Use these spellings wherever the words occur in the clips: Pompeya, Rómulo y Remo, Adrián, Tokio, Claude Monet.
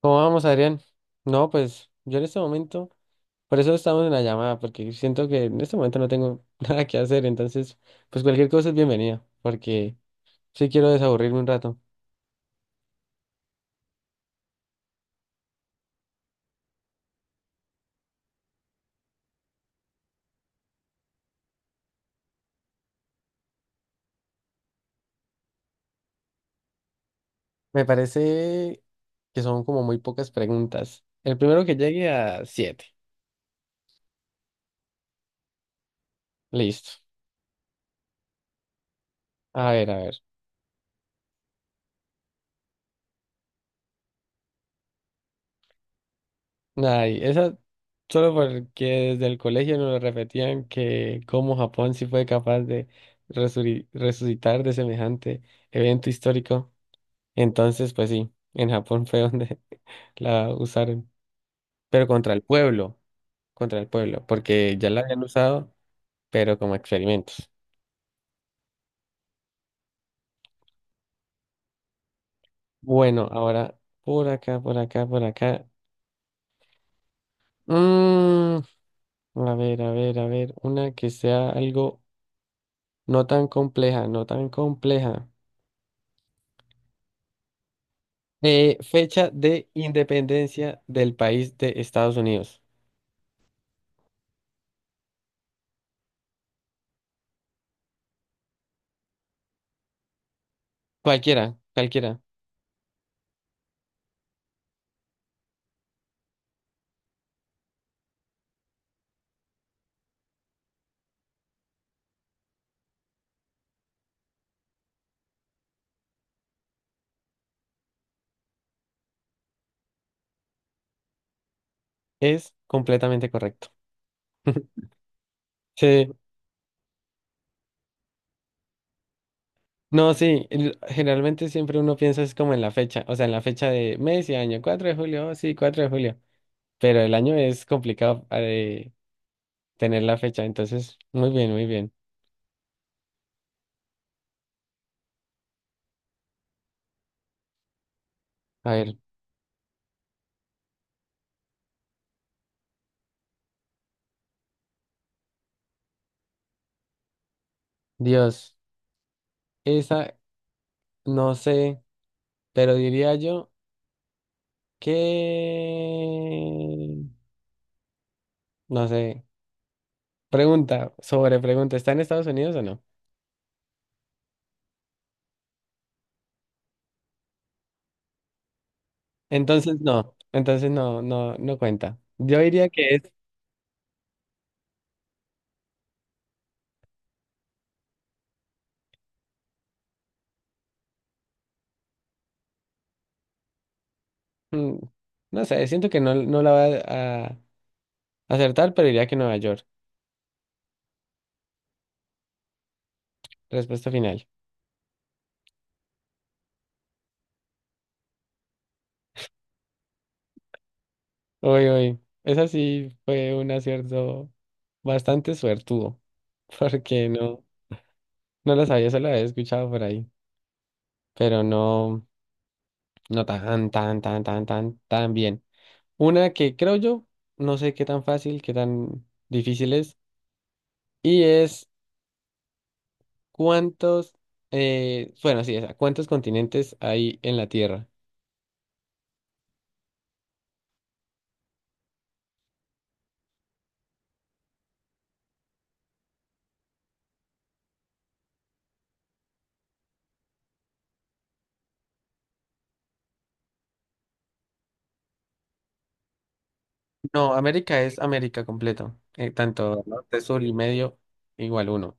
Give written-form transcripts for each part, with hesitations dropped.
¿Cómo vamos, Adrián? No, pues yo en este momento, por eso estamos en la llamada, porque siento que en este momento no tengo nada que hacer, entonces, pues cualquier cosa es bienvenida, porque sí quiero desaburrirme un rato. Me parece que son como muy pocas preguntas. El primero que llegue a siete. Listo. A ver, a ver. Ay, esa solo porque desde el colegio nos repetían que cómo Japón sí fue capaz de resucitar de semejante evento histórico. Entonces, pues sí, en Japón fue donde la usaron, pero contra el pueblo, porque ya la habían usado, pero como experimentos. Bueno, ahora por acá, por acá, por acá. Mm, a ver, a ver, a ver, una que sea algo no tan compleja, no tan compleja. Fecha de independencia del país de Estados Unidos. Cualquiera, cualquiera. Es completamente correcto. Sí. No, sí, generalmente siempre uno piensa es como en la fecha, o sea, en la fecha de mes y año, 4 de julio, oh, sí, 4 de julio, pero el año es complicado, tener la fecha, entonces, muy bien, muy bien. A ver, Dios, esa, no sé, pero diría yo que, no sé, pregunta sobre pregunta, ¿está en Estados Unidos o no? Entonces, no, entonces no, no, no cuenta. Yo diría que es, mm, no sé, siento que no, no la va a acertar, pero diría que Nueva York. Respuesta final. Uy, uy. Esa sí fue un acierto bastante suertudo. Porque no, no lo sabía, solo había escuchado por ahí. Pero no, no tan, tan, tan, tan, tan, tan bien. Una que creo yo, no sé qué tan fácil, qué tan difícil es. Y es cuántos, bueno, sí, esa, ¿cuántos continentes hay en la Tierra? No, América es América completo. Tanto norte, sur y medio, igual uno.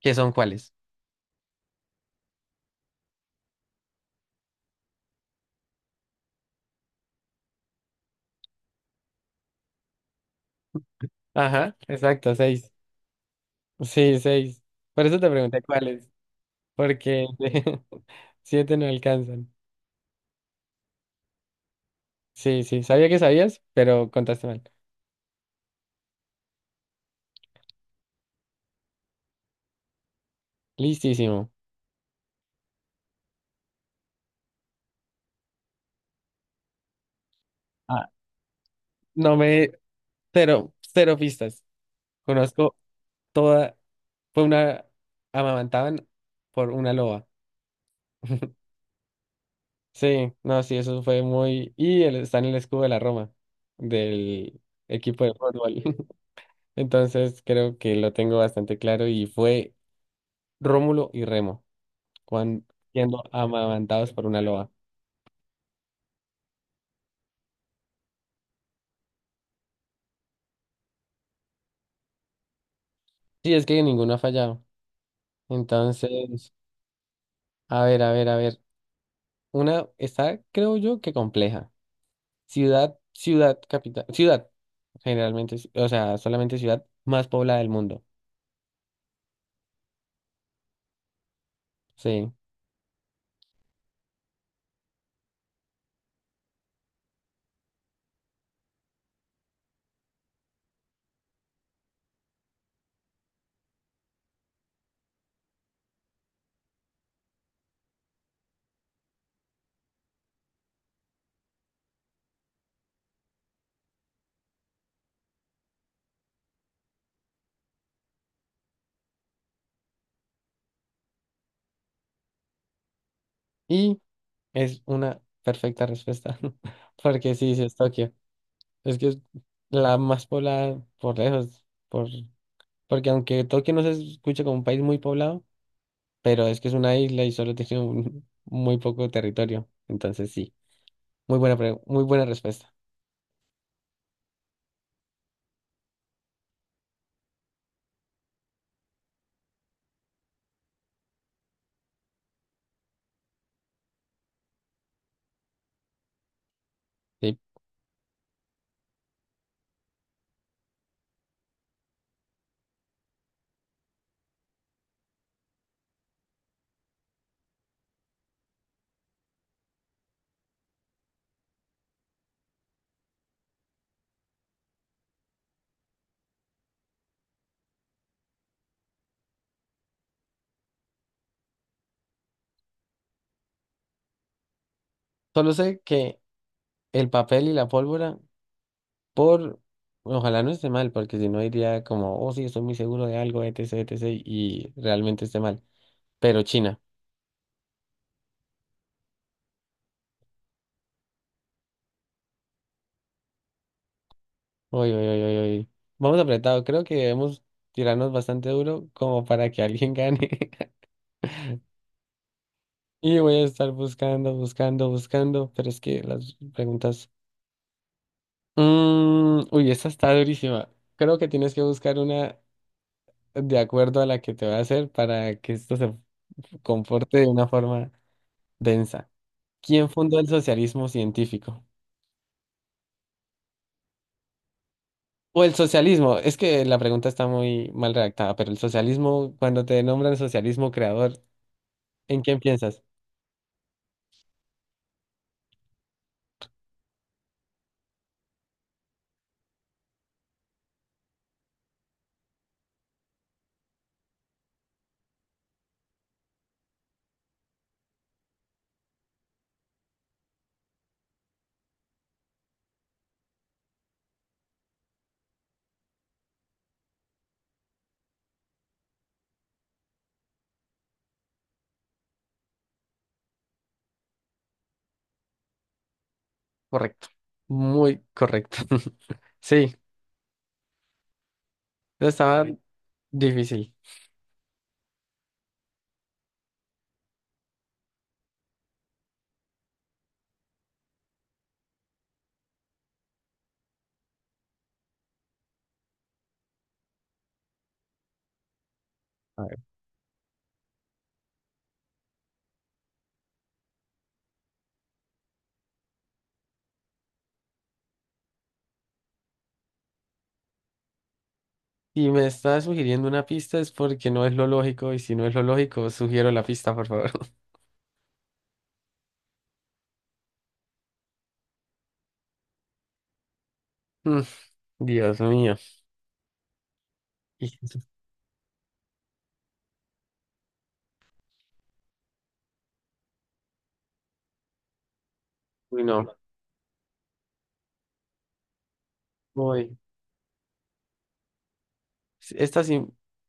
¿Qué son cuáles? Ajá, exacto, seis. Sí, seis. Por eso te pregunté cuáles, porque siete no alcanzan. Sí, sí, sabía que sabías, pero contaste mal. Listísimo. Ah, no me. Cero, cero pistas. Conozco toda. Fue una. Amamantaban por una loba. Sí, no, sí, eso fue muy. Y está en el escudo de la Roma, del equipo de fútbol. Entonces creo que lo tengo bastante claro y fue. Rómulo y Remo, cuando siendo amamantados por una loba. Sí, es que ninguno ha fallado. Entonces, a ver, a ver, a ver. Una está, creo yo, que compleja. Ciudad, ciudad, capital, ciudad, generalmente, o sea, solamente ciudad más poblada del mundo. Sí. Y es una perfecta respuesta, porque sí, sí es Tokio. Es que es la más poblada por lejos, porque aunque Tokio no se escucha como un país muy poblado, pero es que es una isla y solo tiene muy poco territorio. Entonces sí, muy buena, muy buena respuesta. Sí. Solo sé que el papel y la pólvora, por. Ojalá no esté mal, porque si no diría como, oh sí, estoy muy seguro de algo, etc., etc., y realmente esté mal. Pero China. Uy, uy, uy, uy, uy. Vamos apretado. Creo que debemos tirarnos bastante duro como para que alguien gane. Y voy a estar buscando, buscando, buscando, pero es que las preguntas. Uy, esta está durísima. Creo que tienes que buscar una de acuerdo a la que te va a hacer para que esto se comporte de una forma densa. ¿Quién fundó el socialismo científico? O el socialismo, es que la pregunta está muy mal redactada, pero el socialismo, cuando te nombran socialismo creador, ¿en quién piensas? Correcto. Muy correcto. Sí, eso estaba ok difícil. A ver. Si me estás sugiriendo una pista es porque no es lo lógico y si no es lo lógico, sugiero la pista, por favor. Dios mío. Y- Uy, no, voy. Sí, esta sí,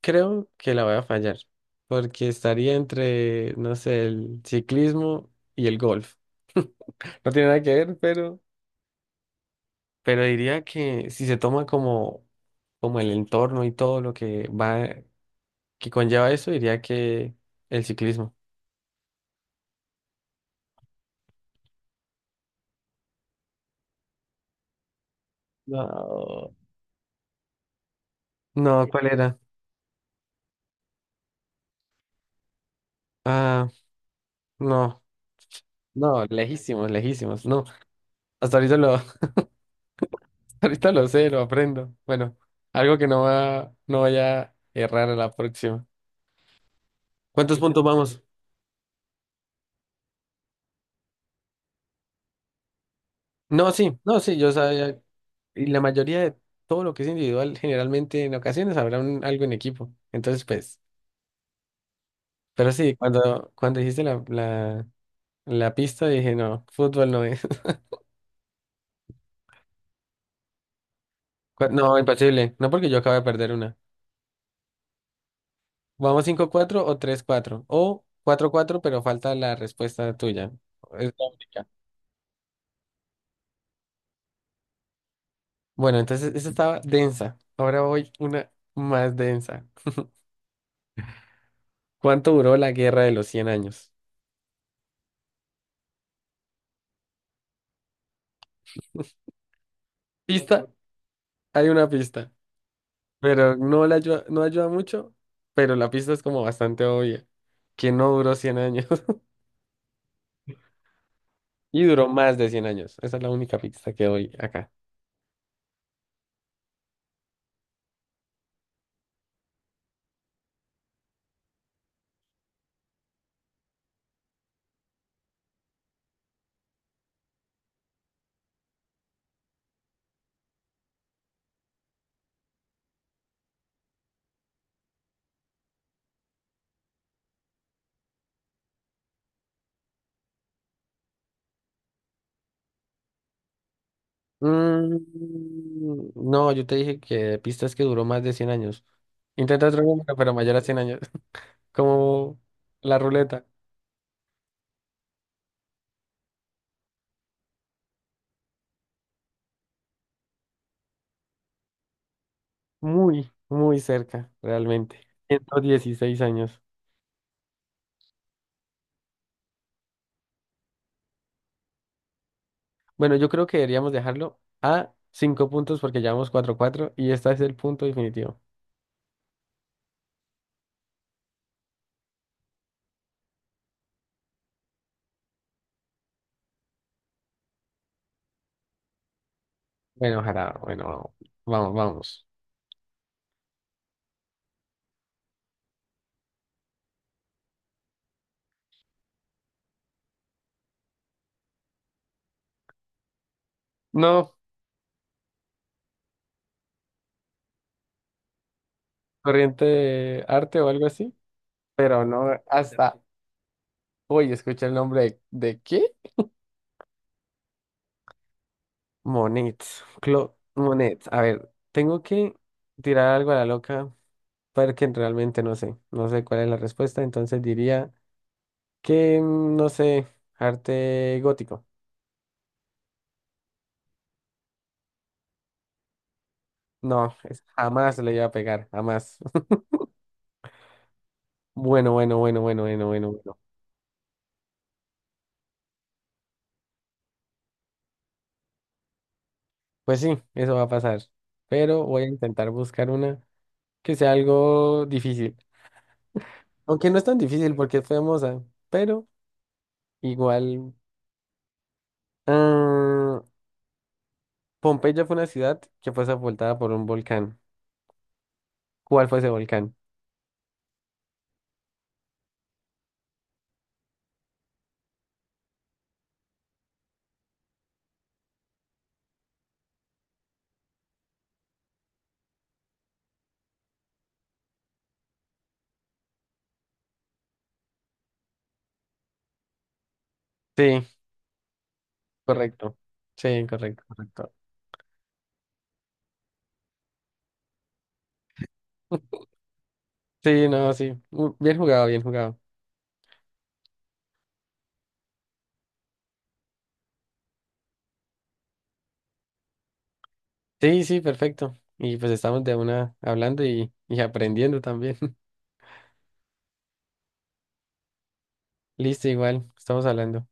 creo que la voy a fallar, porque estaría entre, no sé, el ciclismo y el golf. No tiene nada que ver, pero diría que si se toma como, el entorno y todo lo que va, que conlleva eso, diría que el ciclismo. No. No, ¿cuál era? Ah, no, no, lejísimos, lejísimos, no. Hasta ahorita lo, ahorita lo sé, lo aprendo. Bueno, algo que no vaya a errar a la próxima. ¿Cuántos puntos vamos? No, sí, no, sí, yo sabía. Y la mayoría de todo lo que es individual, generalmente en ocasiones habrá algo en equipo. Entonces, pues, pero sí, cuando dijiste la pista, dije, no, fútbol no es. No, imposible. No porque yo acabo de perder una. Vamos 5-4 o 3-4 o 4-4, pero falta la respuesta tuya. Es la única. Bueno, entonces esa estaba densa. Ahora voy una más densa. ¿Cuánto duró la guerra de los 100 años? Pista, hay una pista, pero no la ayuda, no ayuda mucho, pero la pista es como bastante obvia, que no duró 100 años y duró más de 100 años. Esa es la única pista que doy acá. Mm, no, yo te dije que pistas que duró más de 100 años. Intenta otro número, pero mayor a 100 años, como la ruleta. Muy, muy cerca, realmente. 116 años. Bueno, yo creo que deberíamos dejarlo a cinco puntos porque llevamos 4-4 y este es el punto definitivo. Bueno, ojalá, bueno, vamos, vamos. No, corriente de arte o algo así, pero no hasta hoy escuché el nombre ¿de qué? Monet, Claude Monet. A ver, tengo que tirar algo a la loca porque realmente no sé, no sé cuál es la respuesta, entonces diría que, no sé, arte gótico. No, jamás le iba a pegar, jamás. Bueno, bueno, bueno, bueno, bueno, bueno, bueno. Pues sí, eso va a pasar. Pero voy a intentar buscar una que sea algo difícil. Aunque no es tan difícil porque es famosa, pero igual. ah, Pompeya fue una ciudad que fue sepultada por un volcán. ¿Cuál fue ese volcán? Sí, correcto. Sí, correcto, correcto. Sí, no, sí. Bien jugado, bien jugado. Sí, sí, perfecto. Y pues estamos de una hablando y aprendiendo también. Listo, igual, estamos hablando.